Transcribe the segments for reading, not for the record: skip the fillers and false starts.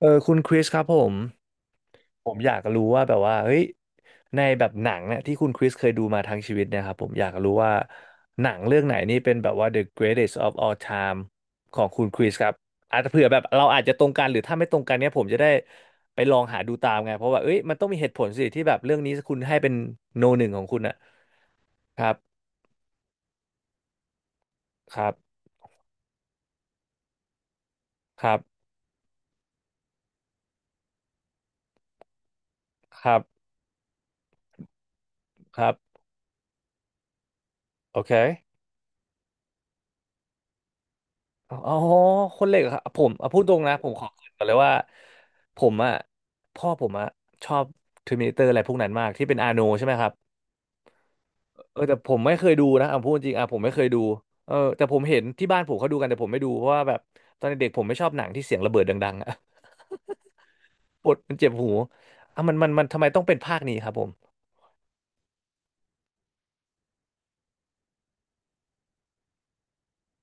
เออคุณคริสครับผมอยากรู้ว่าแบบว่าเฮ้ยในแบบหนังเนี่ยที่คุณคริสเคยดูมาทั้งชีวิตเนะครับผมอยากรู้ว่าหนังเรื่องไหนนี่เป็นแบบว่า the greatest of all time ของคุณคริสครับอาจจะเผื่อแบบเราอาจจะตรงกันหรือถ้าไม่ตรงกันเนี่ยผมจะได้ไปลองหาดูตามไงเพราะว่าเอ้ยมันต้องมีเหตุผลสิที่แบบเรื่องนี้คุณให้เป็นโนหนึ่งของคุณอะครับครับครับครับครับครับโอเค อ๋อคนเหล็กเหรอครับผมเอาพูดตรงนะผมขอเกริ่นก่อนเลยว่าผมอ่ะพ่อผมอ่ะชอบเทอร์มินเตอร์อะไรพวกนั้นมากที่เป็นอาโนใช่ไหมครับเออแต่ผมไม่เคยดูนะเอาพูดจริงอ่ะผมไม่เคยดูเออแต่ผมเห็นที่บ้านผมเขาดูกันแต่ผมไม่ดูเพราะว่าแบบตอนเด็กๆผมไม่ชอบหนังที่เสียงระเบิดดังๆอ่ะ ปวดมันเจ็บหูอ่ะมันทำไมต้องเป็นภาคนี้ครับผม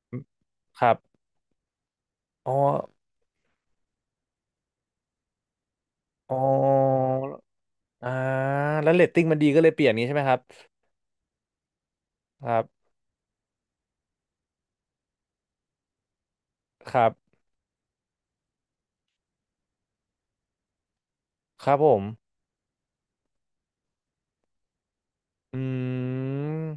อืมครับอ๋ออ๋ออ่าแล้วเรตติ้งมันดีก็เลยเปลี่ยนนี้ใช่ไหมครับครับครับครับผมอืม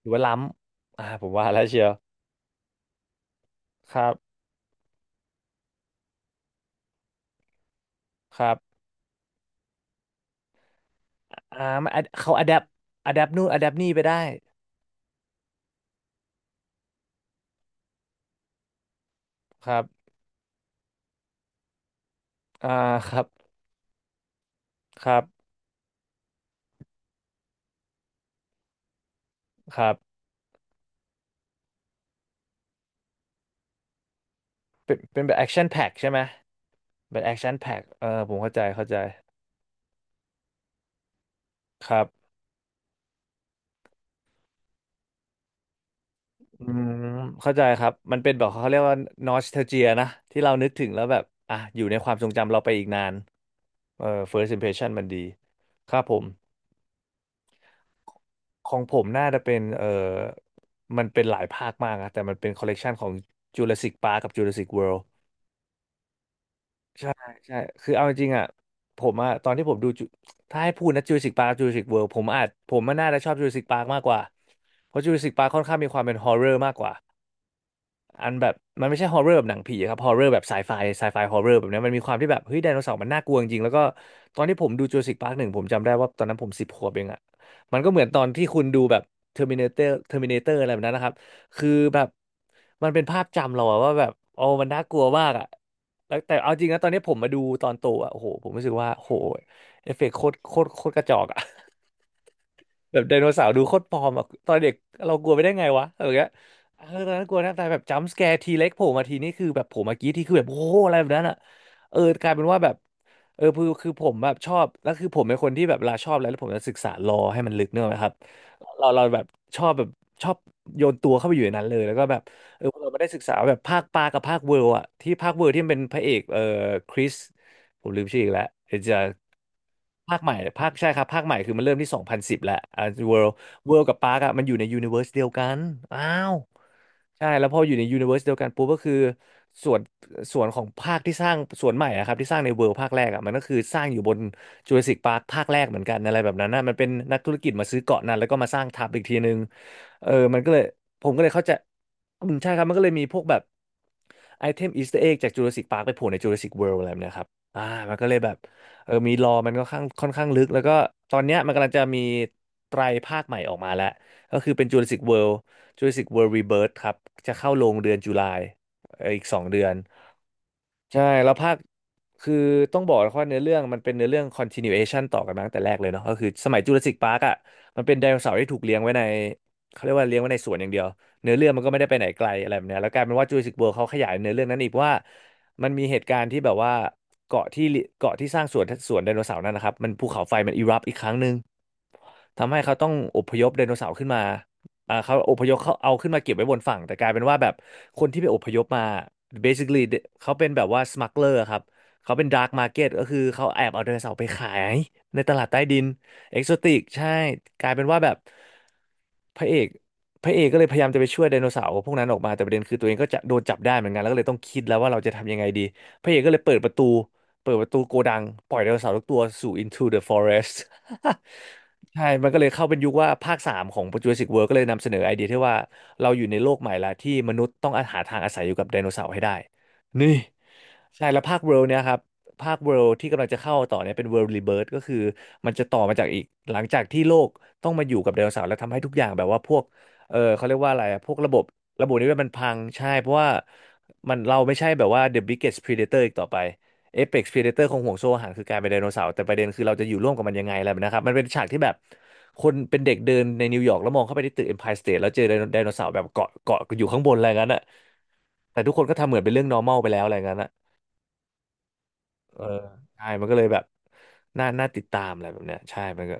หรือว่าล้ำอ่าผมว่าแล้วเชียว ครับ ครับอ่ามันอะเขาอะแดปอะแดปนู่นอะแดปนี่ไปได้ครับอ่าครับ ครับ ครับ เป็นเป็นแบบแอคชั่นแพ็กใช่ไหมแบบแอคชั่นแพ็กเออผมเข้าใจเข้าใจครับอืมเข้าใจครับ มันเป็นแบบเขาเรียกว่านอสเทลเจียนะที่เรานึกถึงแล้วแบบอ่ะอยู่ในความทรงจำเราไปอีกนานเออ first impression มันดี ครับผม ของผมน่าจะเป็นมันเป็นหลายภาคมากนะแต่มันเป็นคอลเลกชันของ Jurassic Park กับ Jurassic World ใช่ใช่คือเอาจริงๆอ่ะผมอ่ะตอนที่ผมดูจุถ้าให้พูดนะ Jurassic Park กับ Jurassic World ผมอาจผมมันน่าจะชอบ Jurassic Park มากกว่าเพราะ Jurassic Park ค่อนข้างมีความเป็นฮอ r ์เรอร์มากกว่า อันแบบมันไม่ใช่ฮอร์เรอร์แบบหนังผีครับฮอร์เรอร์แบบไซไฟไซไฟฮอร์เรอร์แบบเนี้ยมันมีความที่แบบเฮ้ยไดโนเสาร์มันน่ากลัวจริงๆแล้วก็ตอนที่ผมดูจูราสสิคพาร์คหนึ่งผมจำได้ว่าตอนนั้นผม10 ขวบเองอะมันก็เหมือนตอนที่คุณดูแบบเทอร์มินาเตอร์เทอร์มินาเตอร์อะไรแบบนั้นนะครับคือแบบมันเป็นภาพจำเราอะว่าแบบโอ้มันน่ากลัวมากอะแล้วแต่เอาจริงนะตอนนี้ผมมาดูตอนโตอะโอ้โหผมรู้สึกว่าโอ้โหเอฟเฟกต์โคตรโคตรโคตรกระจอกอะ แบบไดโนเสาร์ดูโคตรปลอมอ่ะตอนเด็กเรากลัวไปได้ไงวะอะไรอย่างเงี้ยเออตอนนั้นกลัวแทบตายแบบจัมป์สแกร์ทีเล็กโผล่มาทีนี่คือแบบโผล่มากี้ที่คือแบบโอ้โหอะไรแบบนั้นอ่ะเออกลายเป็นว่าแบบเออคือผมแบบชอบแล้วคือผมเป็นคนที่แบบเวลาชอบอะไรแล้วผมจะศึกษาลอให้มันลึกเนกอะครับเราแบบชอบแบบชอบโยนตัวเข้าไปอยู่ในนั้นเลยแล้วก็แบบเออเราไม่ได้ศึกษาแบบภาคปลากับภาคเวิร์ลอ่ะที่ภาคเวิร์ลที่มันเป็นพระเอกเออคริส ผมลืมชื่ออีกแล้วเดี๋ยวจะภาคใหม่ภาคใช่ครับภาคใหม่คือมันเริ่มที่2010แหละอ่าเวิลด์เวิลด์กับปาร์คอะมันอยู่ในยูนิเวอร์สเดียวกันอ้าวใช่แล้วพออยู่ในยูนิเวอร์สเดียวกันปุ๊บก็คือส่วนส่วนของภาคที่สร้างส่วนใหม่อะครับที่สร้างในเวิลด์ภาคแรกอะมันก็คือสร้างอยู่บนจูราสสิกปาร์คภาคแรกเหมือนกันอะไรแบบนั้นนะมันเป็นนักธุรกิจมาซื้อเกาะนั้นแล้วก็มาสร้างทับอีกทีนึงเออมันก็เลยผมก็เลยเข้าใจอืมใช่ครับมันก็เลยมีพวกแบบไอเทมอีสเตอร์เอ็กจากจูราสสิกพาร์คไปโผล่ในจูราสสิกเวิลด์อะไรแบบเนี้ยครับ อ่ามันก็เลยแบบเออมีรอมันก็ค่อนข้างลึกแล้วก็ตอนเนี้ยมันกำลังจะมีไตรภาคใหม่ออกมาแล้วก็คือเป็น Jurassic World Rebirth ครับจะเข้าโรงเดือนตุลาเอออีก2 เดือนใช่แล้วภาคคือต้องบอกว่าเนื้อเรื่องมันเป็นเนื้อเรื่อง continuation ต่อกันมาตั้งแต่แรกเลยเนาะก็คือสมัย Jurassic Park อ่ะมันเป็นไดโนเสาร์ที่ถูกเลี้ยงไว้ในเขาเรียกว่าเลี้ยงไว้ในสวนอย่างเดียวเนื้อเรื่องมันก็ไม่ได้ไปไหนไกลอะไรแบบเนี้ยแล้วกลายเป็นว่า Jurassic World เขาขยายเนื้อเรื่องนั้นอีกว่า มันมีเหตุการณ์ที่แบบว่าเกาะที่เกาะที่สร้างสวนไดโนเสาร์นั่นนะครับมันภูเขาไฟมันอิรัปอีกครั้งหนึ่ง ทำให้เขาต้องอพยพไดโนเสาร์ขึ้นมาเขาอพยพเขาเอาขึ้นมาเก็บไว้บนฝั่งแต่กลายเป็นว่าแบบคนที่ไปอพยพมา basically เขาเป็นแบบว่า smuggler ครับเขาเป็น dark market ก็คือเขาแอบเอาไดโนเสาร์ไปขายในตลาดใต้ดินเอกโซติกใช่กลายเป็นว่าแบบพระเอกพระเอกก็เลยพยายามจะไปช่วยไดโนเสาร์พวกนั้นออกมาแต่ประเด็นคือตัวเองก็จะโดนจับได้เหมือนกันแล้วก็เลยต้องคิดแล้วว่าเราจะทำยังไงดีพระเอกก็เลยเปิดประตูโกดังปล่อยไดโนเสาร์ทุกตัวสู่ into the forest ใช่ มันก็เลยเข้าเป็นยุคว่าภาคสามของ Jurassic World ก็เลยนำเสนอไอเดียที่ว่าเราอยู่ในโลกใหม่ละที่มนุษย์ต้องอาหาทางอาศัยอยู่กับไดโนเสาร์ให้ได้ นี่ใช่แล้วภาค World เนี่ยครับภาค World ที่กำลังจะเข้าต่อเนี่ยเป็น World Rebirth ก็คือมันจะต่อมาจากอีกหลังจากที่โลกต้องมาอยู่กับไดโนเสาร์แล้วทำให้ทุกอย่างแบบว่าพวกเออเขาเรียกว่าอะไรอะพวกระบบนิเวศมันพังใช่เพราะว่ามันเราไม่ใช่แบบว่า the biggest predator อีกต่อไป เอ e x p r e d a ีเดเตอร์คงห่วงโซ่อาหารคือกลารเป็นไดโนเสาร์แต่ประเด็นคือเราจะอยู่ร่วมกับมันยังไงอะไรแบบนะครับมันเป็นฉากที่แบบคนเป็นเด็กเดินในนิวยอร์กแล้วมองเข้าไปที่ตึกเอ็มไพร์สเตทแล้วเจอไดโนเสาร์แบบเกาะอยู่ข้างบนอะไรงั้นอ่ะแต่ทุกคนก็ทำเหมือนเป็นเรื่อง normal ไปแล้วอะไรงั้นอ่ะเออใช่มันก็เลยแบบน่าติดตามอะไรแบบเนี้ยใช่มันก็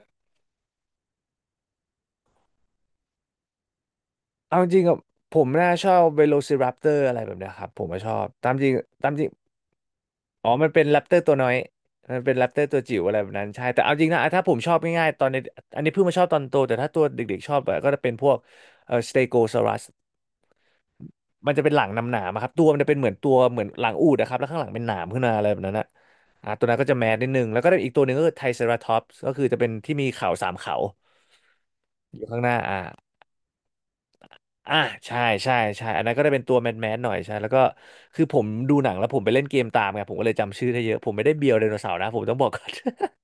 เอาจริงๆอะผมน่าชอบ Velociraptor อะไรแบบเนี้ยครับผมก็ชอบตามจริงตามจริง อ๋อมันเป็นแรปเตอร์ตัวน้อยมันเป็นแรปเตอร์ตัวจิ๋วอะไรแบบนั้นใช่แต่เอาจริงนะถ้าผมชอบง่ายๆ ตอนในอันนี้เพิ่งมาชอบตอนโตแต่ถ้าตัวเด็กๆชอบอะก็จะเป็นพวกสเตโกซอรัสมันจะเป็นหลังหนามๆอะครับ ตัวมันจะเป็นเหมือนตัวเหมือนหลังอูฐนะครับแล้วข้างหลังเป็นหนามขึ้นมาอะไรแบบนั้นนะอ่าตัวนั้นก็จะแมสนิดนึงแล้วก็อีกตัวหนึ่งก็คือไทรเซราทอปส์ก็คือจะเป็นที่มีเขา3 เขาอยู่ข้างหน้าอ่า อ่าใช่ใช่ใช่อันนั้นก็ได้เป็นตัวแมนแมนหน่อยใช่แล้วก็คือผมดูหนังแล้วผมไปเล่นเกมตามไงผมก็เลยจำชื่อได้เยอะผมไม่ได้เบียวไดโนเสาร์นะผมต้องบอกก่อน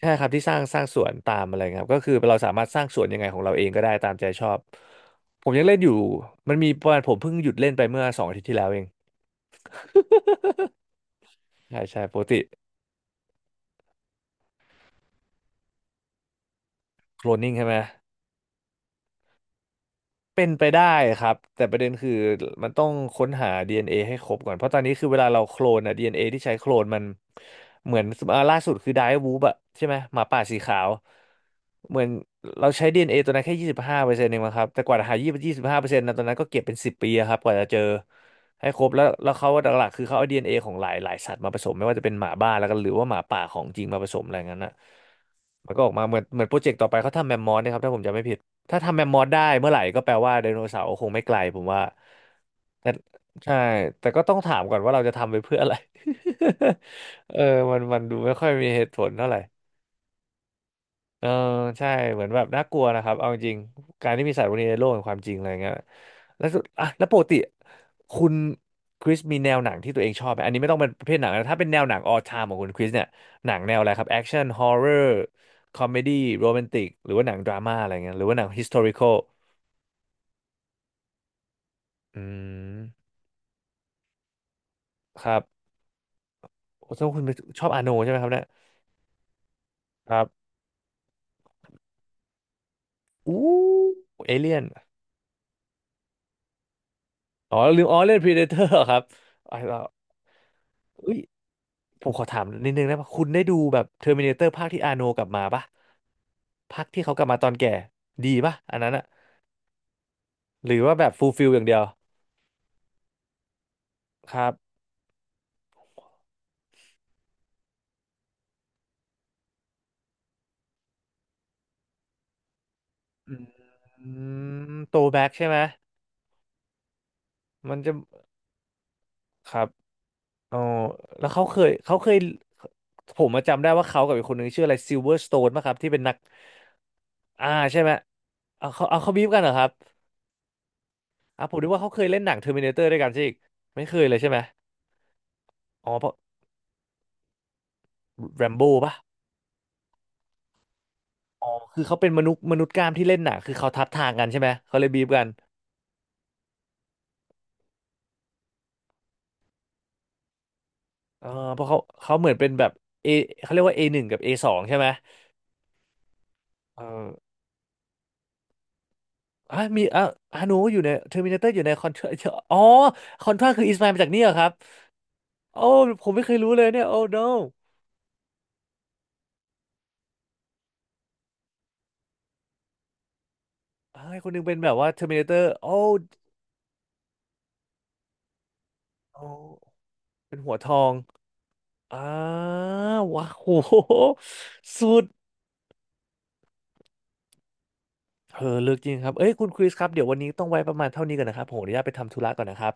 ใช่ครับที่สร้างสวนตามอะไรครับก็คือเราสามารถสร้างสวนยังไงของเราเองก็ได้ตามใจชอบผมยังเล่นอยู่มันมีประมาณผมเพิ่งหยุดเล่นไปเมื่อ2 อาทิตย์ที่แล้วเองใช่ใช่ปกติโคลนนิ่งใช่ไหม เป็นไปได้ครับแต่ประเด็นคือมันต้องค้นหา DNA ให้ครบก่อนเพราะตอนนี้คือเวลาเราโคลนอะ DNA ที่ใช้โคลนมันเหมือนอ่าล่าสุดคือไดร์วูบอะใช่ไหมหมาป่าสีขาวเหมือนเราใช้ DNA ตัวนั้นแค่25%เองมั้งครับแต่กว่าจะหายี่สิบห้าเปอร์เซ็นต์นะตอนนั้นก็เก็บเป็น10 ปีอะครับกว่าจะเจอให้ครบแล้วแล้วเขาหลักๆคือเขาเอา DNA ของหลายสัตว์มาผสมไม่ว่าจะเป็นหมาบ้าแล้วก็หรือว่าหมาป่าของจริงมาผสมอะไรงั้นอะมันก็ออกมาเหมือนโปรเจกต์ต่อไปเขาทำแมมมอสนะครับถ้าผมจำไม่ผิด ถ้าทำแมมมอสได้เมื่อไหร่ก็แปลว่าไดโนเสาร์คงไม่ไกลผมว่าแต่ใช่แต่ก็ต้องถามก่อนว่าเราจะทำไปเพื่ออะไร เออมันดูไม่ค่อยมีเหตุผลเท่าไหร่เออใช่เหมือนแบบน่ากลัวนะครับเอาจริงๆการที่มีสัตว์พวกนี้ในโลกแห่งความจริงอะไรเงี้ยแล้วสุดอ่ะแล้วปกติคุณคริสมีแนวหนังที่ตัวเองชอบไหมอันนี้ไม่ต้องเป็นประเภทหนังนะถ้าเป็นแนวหนังออ l ไท์ของคุณคริสเนี่ยหนังแนวอะไรครับแอคชั่นฮอ r ์เรอร์คอมเมดี้โรแมนติกหรือว่าหนังดราม่าอะไรเงี้ยหรือว่าหนังฮิส t o r i c a l อืมครับโอ้ต้คุณเป็นชอบอาโนใช่ไหมครับเนี่ยครับ อู้เอเลี่ยน อ๋อ ลืมอ๋อเล่นพีเดเตอร์ครับอ่ะเราเอุ้ยผมขอถามนิดนึงนะคุณได้ดูแบบเทอร์มินเตอร์ภาคที่อาโนกลับมาปะภาคที่เขากลับมาตอนแก่ดีปะอันนั้นอะหรือว่าแบบฟูลฟิลอย่างเดียวครับอืมโตแบ็กใช่ไหม มันจะครับ อ๋อแล้วเขาเคยผมมาจำได้ว่าเขากับอีกคนนึงชื่ออะไรซิลเวอร์สโตนป่ะครับที่เป็นนักอ่าใช่ไหมเอาเขาบีฟกันเหรอครับอ่ะผมนึกว่าเขาเคยเล่นหนังเทอร์มินาเตอร์ด้วยกันใช่อีกไม่เคยเลยใช่ไหมอ๋อเพราะแรมโบ้ป่ะอ๋อคือเขาเป็นมนุษย์กล้ามที่เล่นหนังคือเขาทับทางกันใช่ไหมเขาเลยบีฟกันเออเพราะเขาเหมือนเป็นแบบเอเขาเรียกว่า A1กับ A2ใช่ไหมเอออ่ะมีอ่ะฮานูอยู่ในเทอร์มินาเตอร์อยู่ในคอนทราอ๋อคอนทราคืออิสมามาจากนี่เหรอครับ โอ้ผมไม่เคยรู้เลยเนี่ยโอ้ no อ่าคนหนึงเป็นแบบว่า Terminator โอ้โอ้เป็นหัวทองอ่าว้าวโหสุดเออเลือกจริงครับเอ้ยคุณคริสครับเดี๋ยววันนี้ต้องไว้ประมาณเท่านี้ก่อนนะครับผมขออนุญาตไปทำธุระก่อนนะครับ